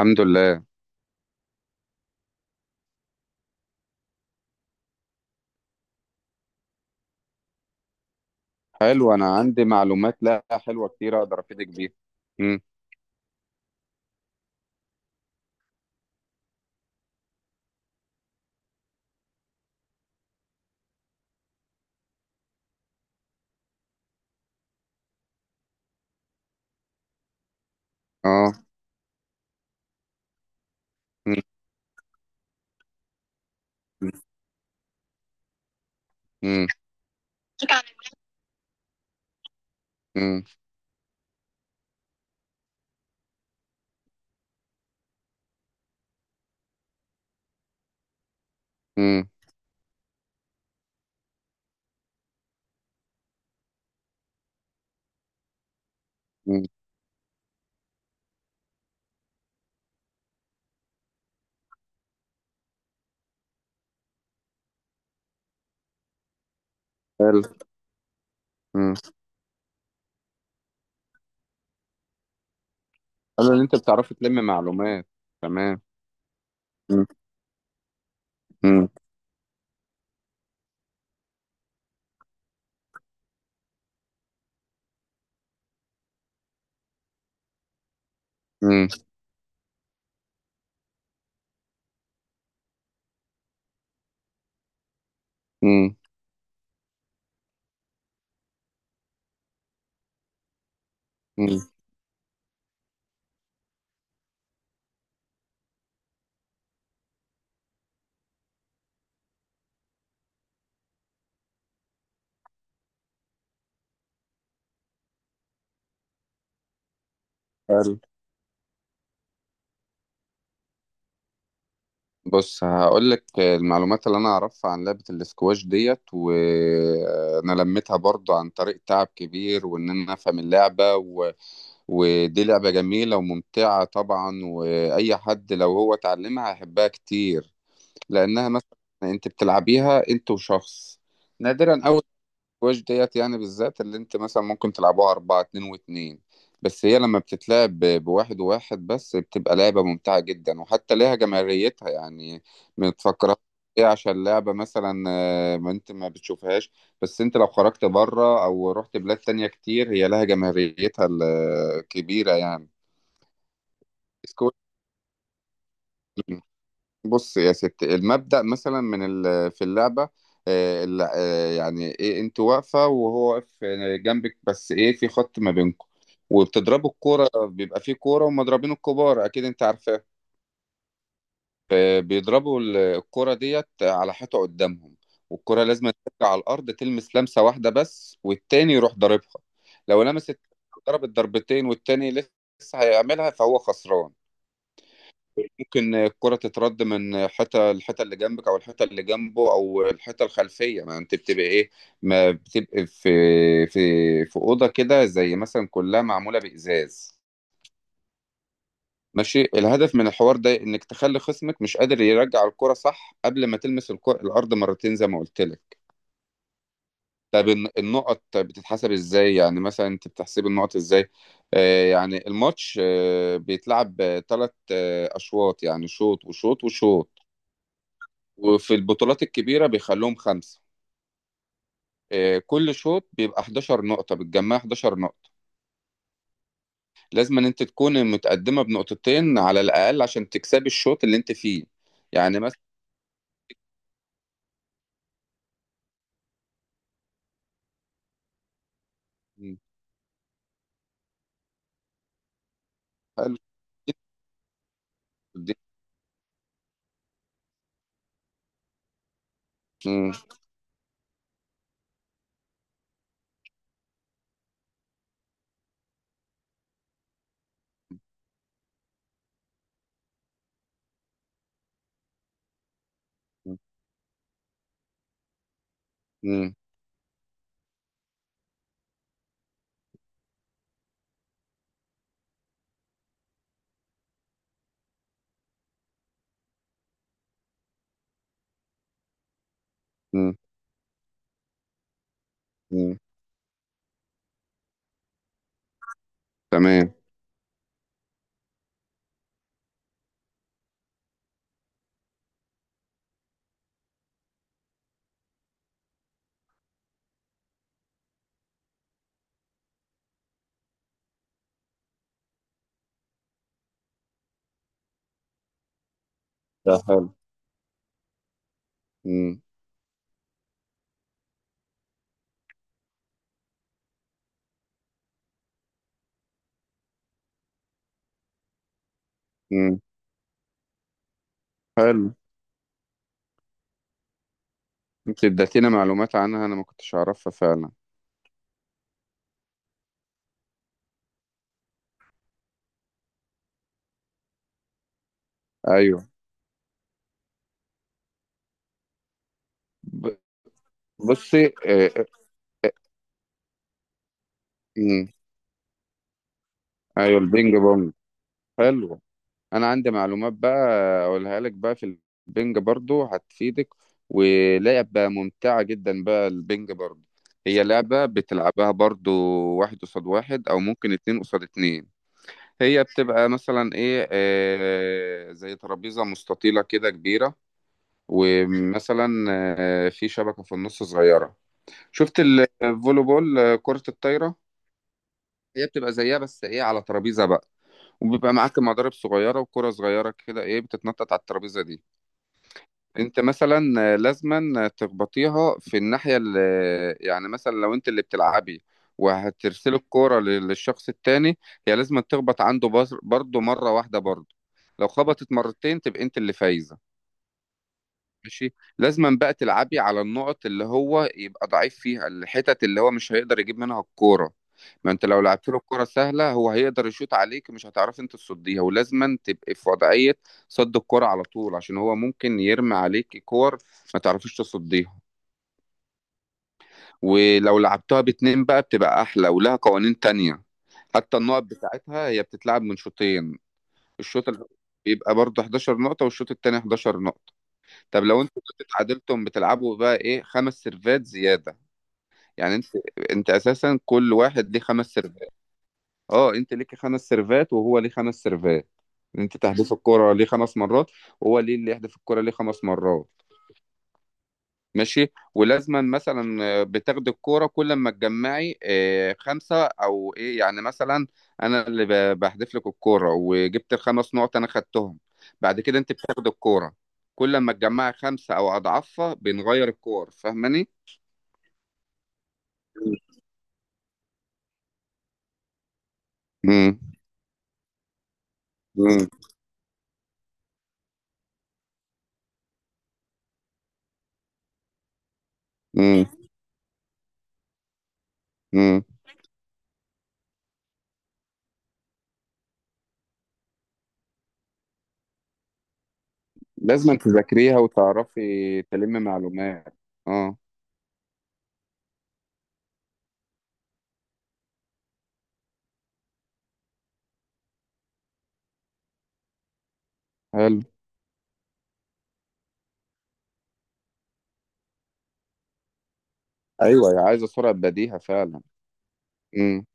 الحمد لله. حلو، انا عندي معلومات لا حلوه كتير اقدر افيدك بيها. امم. اه. امم. امم. امم. امم. أمم. حلو. امم حلو ان انت بتعرفي تلمي معلومات. تمام. امم. امم. امم. أمم. أمم. حلو. بص هقول لك المعلومات اللي انا اعرفها عن لعبه الاسكواش ديت، وانا لميتها برضو عن طريق تعب كبير، وان انا افهم اللعبه ودي لعبه جميله وممتعه طبعا، واي حد لو هو اتعلمها هيحبها كتير. لانها مثلا انت بتلعبيها انت وشخص، نادرا قوي. السكواش ديت يعني بالذات اللي انت مثلا ممكن تلعبوها اربعة، اتنين واتنين. بس هي لما بتتلعب بواحد وواحد بس بتبقى لعبة ممتعة جدا، وحتى ليها جماهيريتها يعني. ما تفكرها ايه، عشان لعبة مثلا، ما انت ما بتشوفهاش. بس انت لو خرجت بره او رحت بلاد تانية كتير هي لها جماهيريتها الكبيرة يعني. سكواش. بص يا ست، المبدأ مثلا من في اللعبة، يعني ايه، انت واقفة وهو واقف جنبك، بس ايه، في خط ما بينكم. وبتضربوا الكورة، بيبقى في كورة ومضربين الكبار، أكيد أنت عارفاه. بيضربوا الكورة ديت على حيطة قدامهم. والكورة لازم ترجع على الأرض تلمس لمسة واحدة بس، والتاني يروح ضاربها. لو لمست ضربت ضربتين والتاني لسه هيعملها فهو خسران. ممكن الكرة تترد من حتة، الحتة اللي جنبك أو الحتة اللي جنبه أو الحتة الخلفية، ما أنت بتبقى إيه، ما بتبقى في في أوضة كده، زي مثلا كلها معمولة بإزاز. ماشي، الهدف من الحوار ده إنك تخلي خصمك مش قادر يرجع الكرة صح قبل ما تلمس الكرة الأرض مرتين، زي ما قلت لك. طب النقط بتتحسب إزاي، يعني مثلا أنت بتحسب النقط إزاي؟ يعني الماتش بيتلعب ثلاث أشواط، يعني شوط وشوط وشوط. وفي البطولات الكبيرة بيخلوهم خمسة. كل شوط بيبقى 11 نقطة، بتجمع 11 نقطة. لازم ان انت تكون متقدمة بنقطتين على الأقل عشان تكسبي الشوط اللي انت فيه. يعني مثلا. حلو. جداً. مم. مم. مم. مم. تمام. ده حلو. مم. مم. حلو، انت اديتينا معلومات عنها انا ما كنتش اعرفها فعلا. ايوه. ب- بصي، مم. ايوه البينج بونج. حلو، انا عندي معلومات بقى اقولها لك بقى. في البنج برضو هتفيدك، ولعبة ممتعة جدا بقى البنج برضو. هي لعبة بتلعبها برضو واحد قصاد واحد، او ممكن اتنين قصاد اتنين. هي بتبقى مثلا ايه، زي ترابيزة مستطيلة كده كبيرة. ومثلا في شبكة في النص صغيرة. شفت الفولي بول، كرة الطايرة؟ هي بتبقى زيها بس ايه على ترابيزة بقى. وبيبقى معاك مضارب صغيرة وكرة صغيرة كده ايه بتتنطط على الترابيزة دي. انت مثلا لازما تخبطيها في الناحيه اللي، يعني مثلا لو انت اللي بتلعبي وهترسلي الكوره للشخص التاني، هي لازم تخبط عنده برضه مره واحده برضه. لو خبطت مرتين تبقى انت اللي فايزه. ماشي، لازما بقى تلعبي على النقط اللي هو يبقى ضعيف فيها، الحتت اللي هو مش هيقدر يجيب منها الكورة. ما انت لو لعبت له الكورة سهلة هو هيقدر يشوط عليك، مش هتعرف انت تصديها، ولازما تبقي في وضعية صد الكورة على طول عشان هو ممكن يرمي عليك كور ما تعرفيش تصديها. ولو لعبتها باتنين بقى بتبقى أحلى ولها قوانين تانية. حتى النقط بتاعتها هي بتتلعب من شوطين. الشوط الأول بيبقى برضه 11 نقطة، والشوط التاني 11 نقطة. طب لو انتوا كنتوا اتعادلتم بتلعبوا بقى ايه خمس سيرفات زياده. يعني انت اساسا كل واحد ليه خمس سيرفات. اه، انت ليك خمس سيرفات وهو ليه خمس سيرفات. انت تحدف الكرة ليه خمس مرات، وهو ليه اللي يحدف الكرة ليه خمس مرات. ماشي، ولازما مثلا بتاخد الكوره كل ما تجمعي خمسه او ايه، يعني مثلا انا اللي بحذف لك الكوره وجبت الخمس نقط انا خدتهم. بعد كده انت بتاخد الكوره كل ما تجمعي خمسه او اضعافها بنغير الكور، فاهماني؟ امم. امم. امم. امم. لازم تذاكريها وتعرفي تلمي معلومات. اه. حلو. ايوه، عايزه سرعه بديهه فعلا. امم.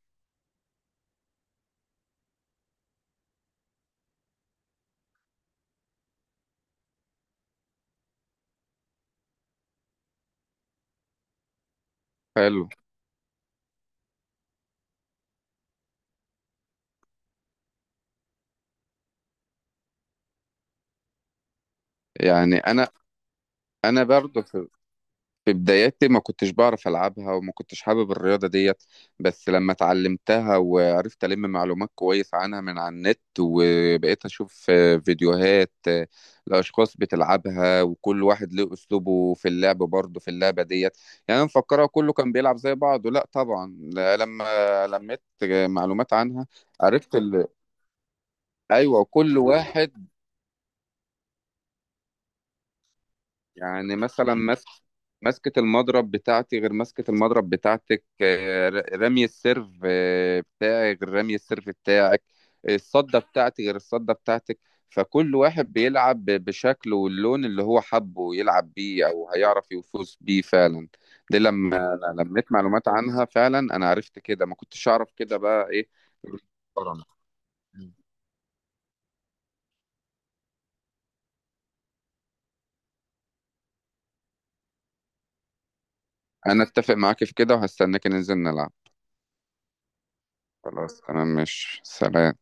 حلو، يعني انا برضه في بداياتي ما كنتش بعرف ألعبها وما كنتش حابب الرياضة ديت. بس لما اتعلمتها وعرفت ألم معلومات كويس عنها من على النت، وبقيت أشوف فيديوهات لأشخاص بتلعبها، وكل واحد له أسلوبه في اللعب برضه في اللعبة ديت. يعني أنا مفكرها كله كان بيلعب زي بعضه، لا طبعا لا، لما لميت معلومات عنها عرفت أيوة كل واحد، يعني مثلا مسكة المضرب بتاعتي غير مسكة المضرب بتاعتك، رمي السيرف بتاعي غير رمي السيرف بتاعك. الصدة بتاعتي غير الصدة بتاعتك. فكل واحد بيلعب بشكله واللون اللي هو حبه يلعب بيه أو هيعرف يفوز بيه فعلا. دي لما أنا لميت معلومات عنها فعلا أنا عرفت كده، ما كنتش أعرف كده بقى إيه. أنا أتفق معاك في كده وهستناك ننزل نلعب. خلاص تمام، مش سلام.